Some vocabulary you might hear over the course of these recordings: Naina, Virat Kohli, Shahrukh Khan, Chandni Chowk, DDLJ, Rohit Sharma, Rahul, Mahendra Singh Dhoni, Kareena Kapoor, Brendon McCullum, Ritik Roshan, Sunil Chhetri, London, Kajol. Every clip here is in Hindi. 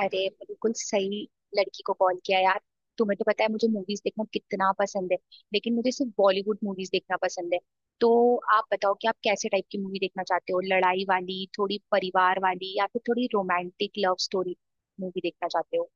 अरे बिल्कुल सही। लड़की को कॉल किया यार। तुम्हें तो पता है मुझे मूवीज देखना कितना पसंद है, लेकिन मुझे सिर्फ बॉलीवुड मूवीज देखना पसंद है। तो आप बताओ कि आप कैसे टाइप की मूवी देखना चाहते हो, लड़ाई वाली, थोड़ी परिवार वाली, या फिर थोड़ी रोमांटिक लव स्टोरी मूवी देखना चाहते हो।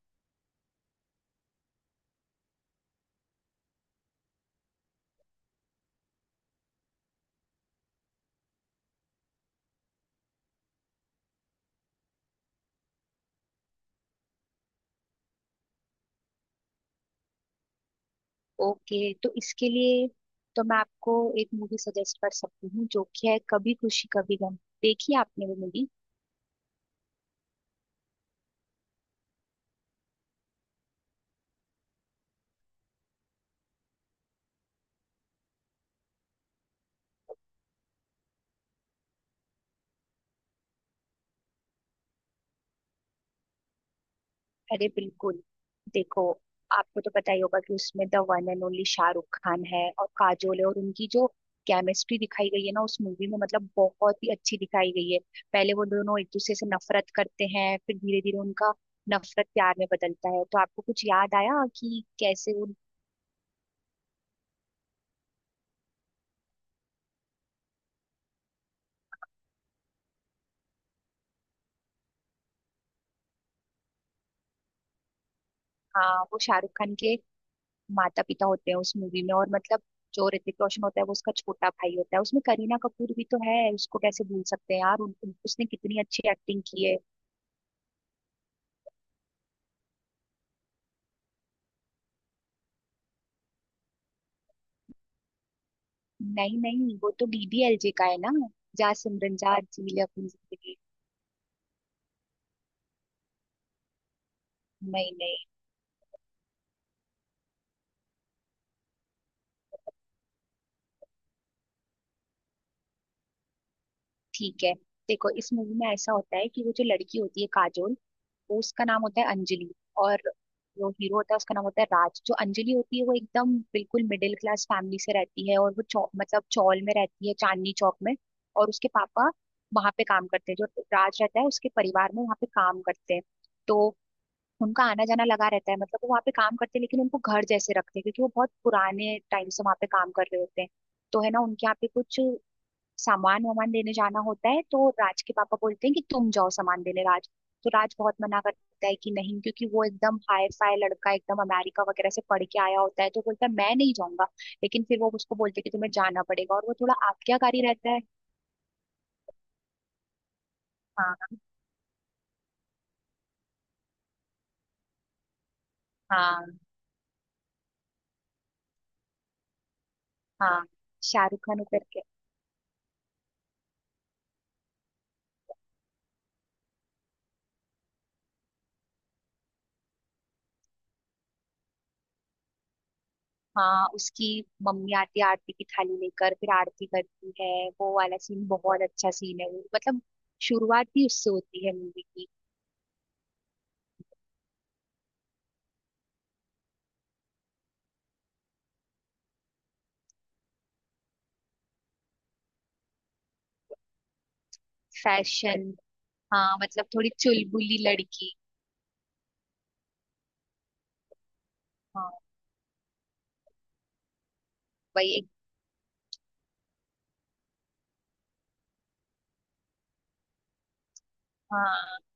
ओके, तो इसके लिए तो मैं आपको एक मूवी सजेस्ट कर सकती हूँ जो कि है कभी खुशी कभी गम। देखी है आपने वो मूवी? अरे बिल्कुल। देखो, आपको तो पता ही होगा कि उसमें the one and only Shahrukh Khan है और काजोल है, और उनकी जो केमिस्ट्री दिखाई गई है ना उस मूवी में, मतलब बहुत ही अच्छी दिखाई गई है। पहले वो दोनों एक दूसरे से नफरत करते हैं, फिर धीरे धीरे उनका नफरत प्यार में बदलता है। तो आपको कुछ याद आया कि कैसे उन, हाँ, वो शाहरुख खान के माता पिता होते हैं उस मूवी में, और मतलब जो ऋतिक रोशन होता है वो उसका छोटा भाई होता है। उसमें करीना कपूर भी तो है, उसको कैसे भूल सकते हैं यार, उन, उन- उसने कितनी अच्छी एक्टिंग की है। नहीं नहीं, वो तो डीडीएलजे का है ना, जा सिमरन जा जी ले अपनी जिंदगी। नहीं नहीं, ठीक है। देखो, इस मूवी में ऐसा होता है कि वो जो लड़की होती है काजोल, वो उसका नाम होता है अंजलि, और जो हीरो होता है उसका नाम होता है राज। जो अंजलि होती है वो एकदम बिल्कुल मिडिल क्लास फैमिली से रहती है, और वो मतलब चौल में रहती है, चांदनी चौक में। और उसके पापा वहां पे काम करते हैं, जो राज रहता है उसके परिवार में वहां पे काम करते हैं। तो उनका आना जाना लगा रहता है, मतलब वो वहाँ पे काम करते हैं लेकिन उनको घर जैसे रखते हैं क्योंकि वो बहुत पुराने टाइम से वहाँ पे काम कर रहे होते हैं। तो है ना, उनके यहाँ पे कुछ सामान वामान देने जाना होता है, तो राज के पापा बोलते हैं कि तुम जाओ सामान देने राज। तो राज बहुत मना करता है कि नहीं, क्योंकि वो एकदम हाई फाई लड़का, एकदम अमेरिका वगैरह से पढ़ के आया होता है, तो बोलता है मैं नहीं जाऊंगा। लेकिन फिर वो उसको बोलते हैं कि तुम्हें जाना पड़ेगा, और वो थोड़ा आज्ञाकारी रहता है। हाँ हाँ हाँ, शाहरुख खान उतर के। हाँ, उसकी मम्मी आती है आरती की थाली लेकर, फिर आरती करती है। वो वाला सीन बहुत अच्छा सीन है वो, मतलब शुरुआत ही उससे होती है मूवी की। फैशन। हाँ, मतलब थोड़ी चुलबुली लड़की। हाँ वही एक। हाँ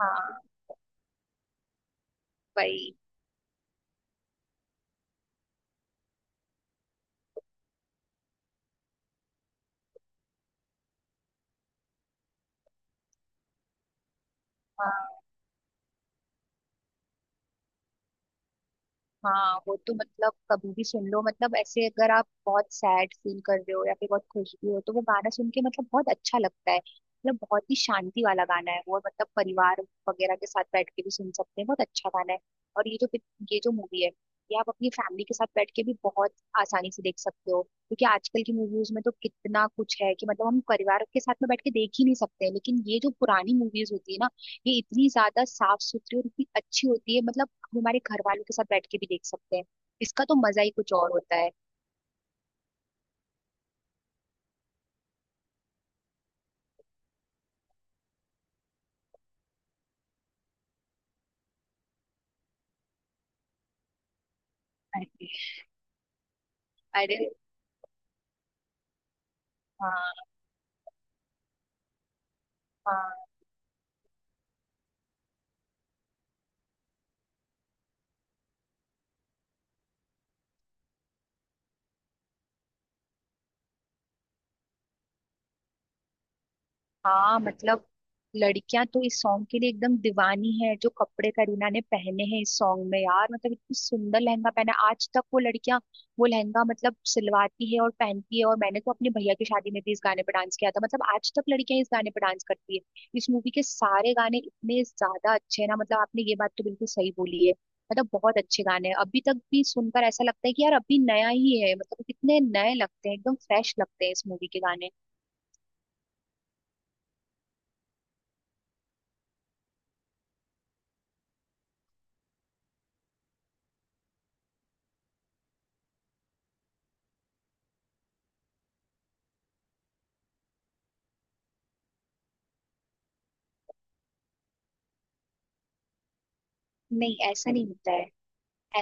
हाँ वही। हाँ, हाँ वो तो मतलब कभी भी सुन लो। मतलब ऐसे अगर आप बहुत सैड फील कर रहे हो या फिर बहुत खुश भी हो तो वो गाना सुन के मतलब बहुत अच्छा लगता है। मतलब बहुत ही शांति वाला गाना है वो, मतलब परिवार वगैरह के साथ बैठ के भी सुन सकते हैं, बहुत अच्छा गाना है। और ये जो ये जो मूवी है, ये आप अपनी फैमिली के साथ बैठ के भी बहुत आसानी से देख सकते हो, क्योंकि आजकल की मूवीज में तो कितना कुछ है कि मतलब हम परिवार के साथ में बैठ के देख ही नहीं सकते हैं। लेकिन ये जो पुरानी मूवीज होती है ना, ये इतनी ज्यादा साफ सुथरी और इतनी अच्छी होती है, मतलब हम हमारे घर वालों के साथ बैठ के भी देख सकते हैं। इसका तो मजा ही कुछ और होता है। अरे अरे। हाँ हाँ हाँ, मतलब लड़कियां तो इस सॉन्ग के लिए एकदम दीवानी है। जो कपड़े करीना ने पहने हैं इस सॉन्ग में यार, मतलब इतनी सुंदर लहंगा पहना है। आज तक वो लड़कियां वो लहंगा मतलब सिलवाती है और पहनती है, और मैंने तो अपने भैया की शादी में भी इस गाने पर डांस किया था। मतलब आज तक लड़कियां इस गाने पर डांस करती है। इस मूवी के सारे गाने इतने ज्यादा अच्छे हैं ना, मतलब आपने ये बात तो बिल्कुल सही बोली है। मतलब बहुत अच्छे गाने हैं, अभी तक भी सुनकर ऐसा लगता है कि यार अभी नया ही है। मतलब कितने नए लगते हैं, एकदम फ्रेश लगते हैं इस मूवी के गाने। नहीं, ऐसा नहीं होता है।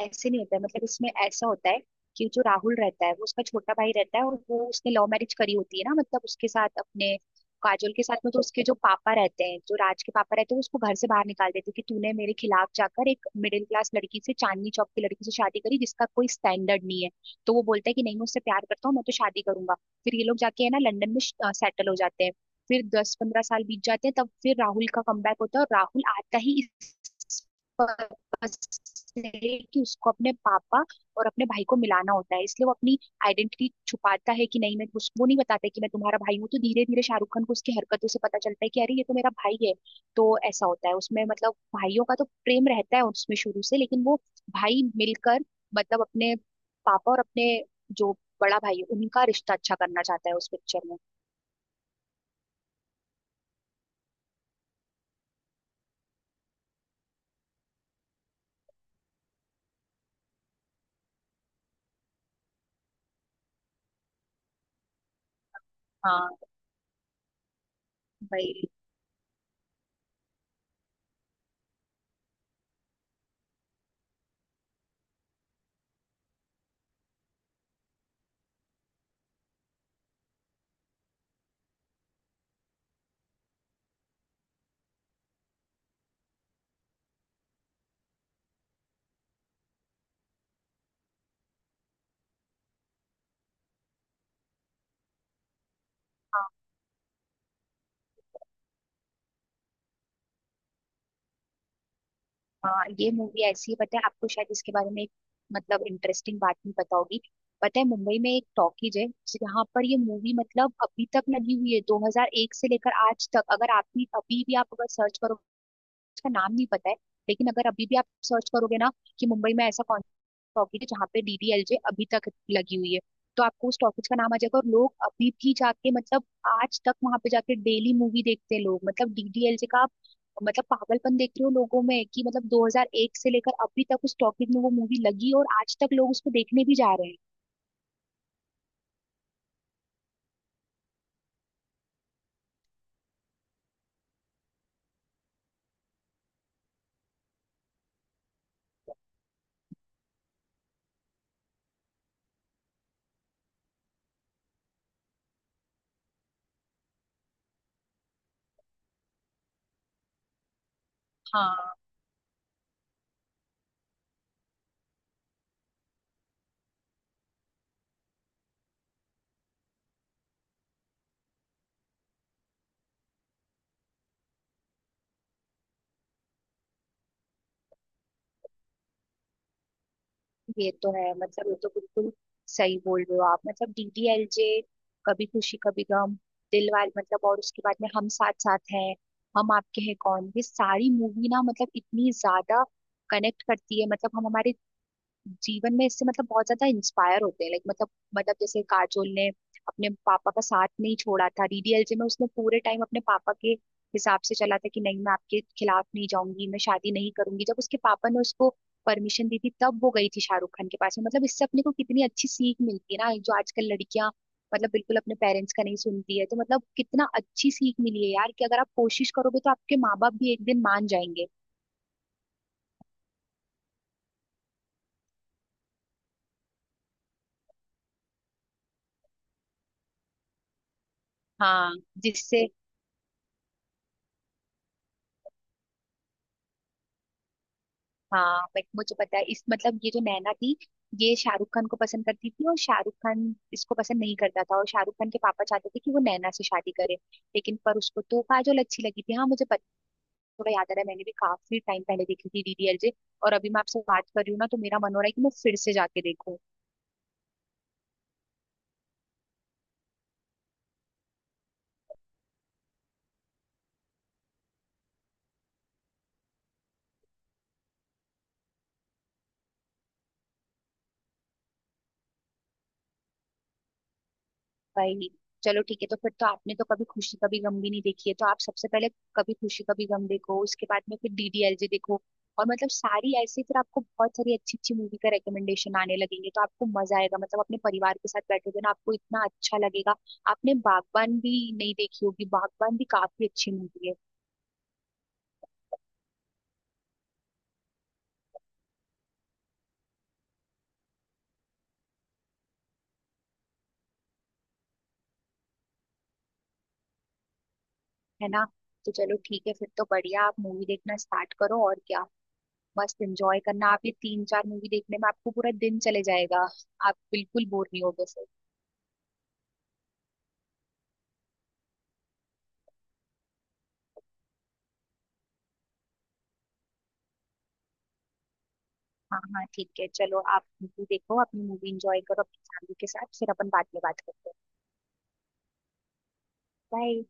ऐसे नहीं होता है, मतलब इसमें ऐसा होता है कि जो राहुल रहता है वो उसका छोटा भाई रहता है, और वो उसने लव मैरिज करी होती है ना, मतलब उसके साथ, अपने काजोल के साथ में। तो उसके जो पापा रहते हैं, जो राज के पापा रहते हैं, वो उसको घर से बाहर निकाल देते हैं कि तूने मेरे खिलाफ जाकर एक मिडिल क्लास लड़की से, चांदनी चौक की लड़की से शादी करी जिसका कोई स्टैंडर्ड नहीं है। तो वो बोलता है कि नहीं, मैं उससे प्यार करता हूँ, मैं तो शादी करूंगा। फिर ये लोग जाके है ना, लंदन में सेटल हो जाते हैं। फिर 10 15 साल बीत जाते हैं, तब फिर राहुल का कमबैक होता है, और राहुल आता ही इस से कि उसको अपने पापा और अपने भाई को मिलाना होता है, इसलिए वो अपनी आइडेंटिटी छुपाता है। कि नहीं, मैं वो नहीं बताता है कि मैं तुम्हारा भाई हूँ, तो धीरे धीरे शाहरुख खान को उसकी हरकतों से पता चलता है कि अरे ये तो मेरा भाई है। तो ऐसा होता है उसमें, मतलब भाइयों का तो प्रेम रहता है उसमें शुरू से, लेकिन वो भाई मिलकर मतलब अपने पापा और अपने जो बड़ा भाई है उनका रिश्ता अच्छा करना चाहता है उस पिक्चर में। हाँ भाई। हाँ, ये मूवी ऐसी है, पता है आपको शायद इसके बारे में एक मतलब इंटरेस्टिंग बात नहीं पता होगी। पता है, मुंबई में एक टॉकीज है जहाँ पर ये मूवी मतलब अभी तक लगी हुई है, 2001 से लेकर आज तक। अगर आप भी, अभी भी आप अगर सर्च करोगे, उसका नाम नहीं पता है, लेकिन अगर अभी भी आप सर्च करोगे ना कि मुंबई में ऐसा कौन टॉपिक है जहाँ पे डीडीएलजे अभी तक लगी हुई है, तो आपको उस टॉपिक का नाम आ जाएगा। और लोग अभी भी जाके, मतलब आज तक वहां पे जाके डेली मूवी देखते हैं लोग, मतलब डीडीएलजे का आप मतलब पागलपन देख रहे हो लोगों में कि मतलब 2001 से लेकर अभी तक उस टॉपिक में वो मूवी लगी, और आज तक लोग उसको देखने भी जा रहे हैं। हाँ ये तो है, मतलब ये तो बिल्कुल सही बोल रहे हो आप। मतलब डीडीएलजे, कभी खुशी कभी गम, दिलवाले, मतलब और उसके बाद में हम साथ साथ हैं, हम आपके हैं कौन, ये सारी मूवी ना मतलब इतनी ज्यादा कनेक्ट करती है, मतलब हम हमारे जीवन में इससे मतलब बहुत ज्यादा इंस्पायर होते हैं लाइक। मतलब मतलब जैसे काजोल ने अपने पापा का साथ नहीं छोड़ा था डीडीएलजे में, उसने पूरे टाइम अपने पापा के हिसाब से चला था कि नहीं मैं आपके खिलाफ नहीं जाऊंगी, मैं शादी नहीं करूंगी। जब उसके पापा ने उसको परमिशन दी थी तब वो गई थी शाहरुख खान के पास में, मतलब इससे अपने को कितनी अच्छी सीख मिलती है ना। जो आजकल लड़कियां मतलब बिल्कुल अपने पेरेंट्स का नहीं सुनती है, तो मतलब कितना अच्छी सीख मिली है यार कि अगर आप कोशिश करोगे तो आपके माँ बाप भी एक दिन मान जाएंगे। हाँ जिससे। हाँ बट मुझे पता है इस, मतलब ये जो नैना थी, ये शाहरुख खान को पसंद करती थी और शाहरुख खान इसको पसंद नहीं करता था, और शाहरुख खान के पापा चाहते थे कि वो नैना से शादी करे, लेकिन पर उसको तो काजोल अच्छी लगी थी। हाँ मुझे पता, थोड़ा याद आ रहा है, मैंने भी काफी टाइम पहले देखी थी डीडीएलजे। और अभी मैं आपसे बात कर रही हूँ ना, तो मेरा मन हो रहा है कि मैं फिर से जाके देखूँ। भाई चलो ठीक है, तो फिर तो आपने तो कभी खुशी कभी गम भी नहीं देखी है, तो आप सबसे पहले कभी खुशी कभी गम देखो, उसके बाद में फिर डीडीएलजे देखो। और मतलब सारी ऐसे फिर आपको बहुत सारी अच्छी अच्छी मूवी का रिकमेंडेशन आने लगेंगे, तो आपको मजा आएगा। मतलब अपने परिवार के साथ बैठोगे ना आपको इतना अच्छा लगेगा। आपने बागबान भी नहीं देखी होगी, बागबान भी काफी अच्छी मूवी है ना। तो चलो ठीक है फिर तो, बढ़िया, आप मूवी देखना स्टार्ट करो, और क्या मस्त एंजॉय करना। आप ये 3 4 मूवी देखने में आपको पूरा दिन चले जाएगा, आप बिल्कुल बोर नहीं होगे। हाँ हाँ ठीक है, चलो आप मूवी देखो, अपनी मूवी एंजॉय करो अपनी फैमिली के साथ, फिर अपन बाद में बात करते हैं। बाय।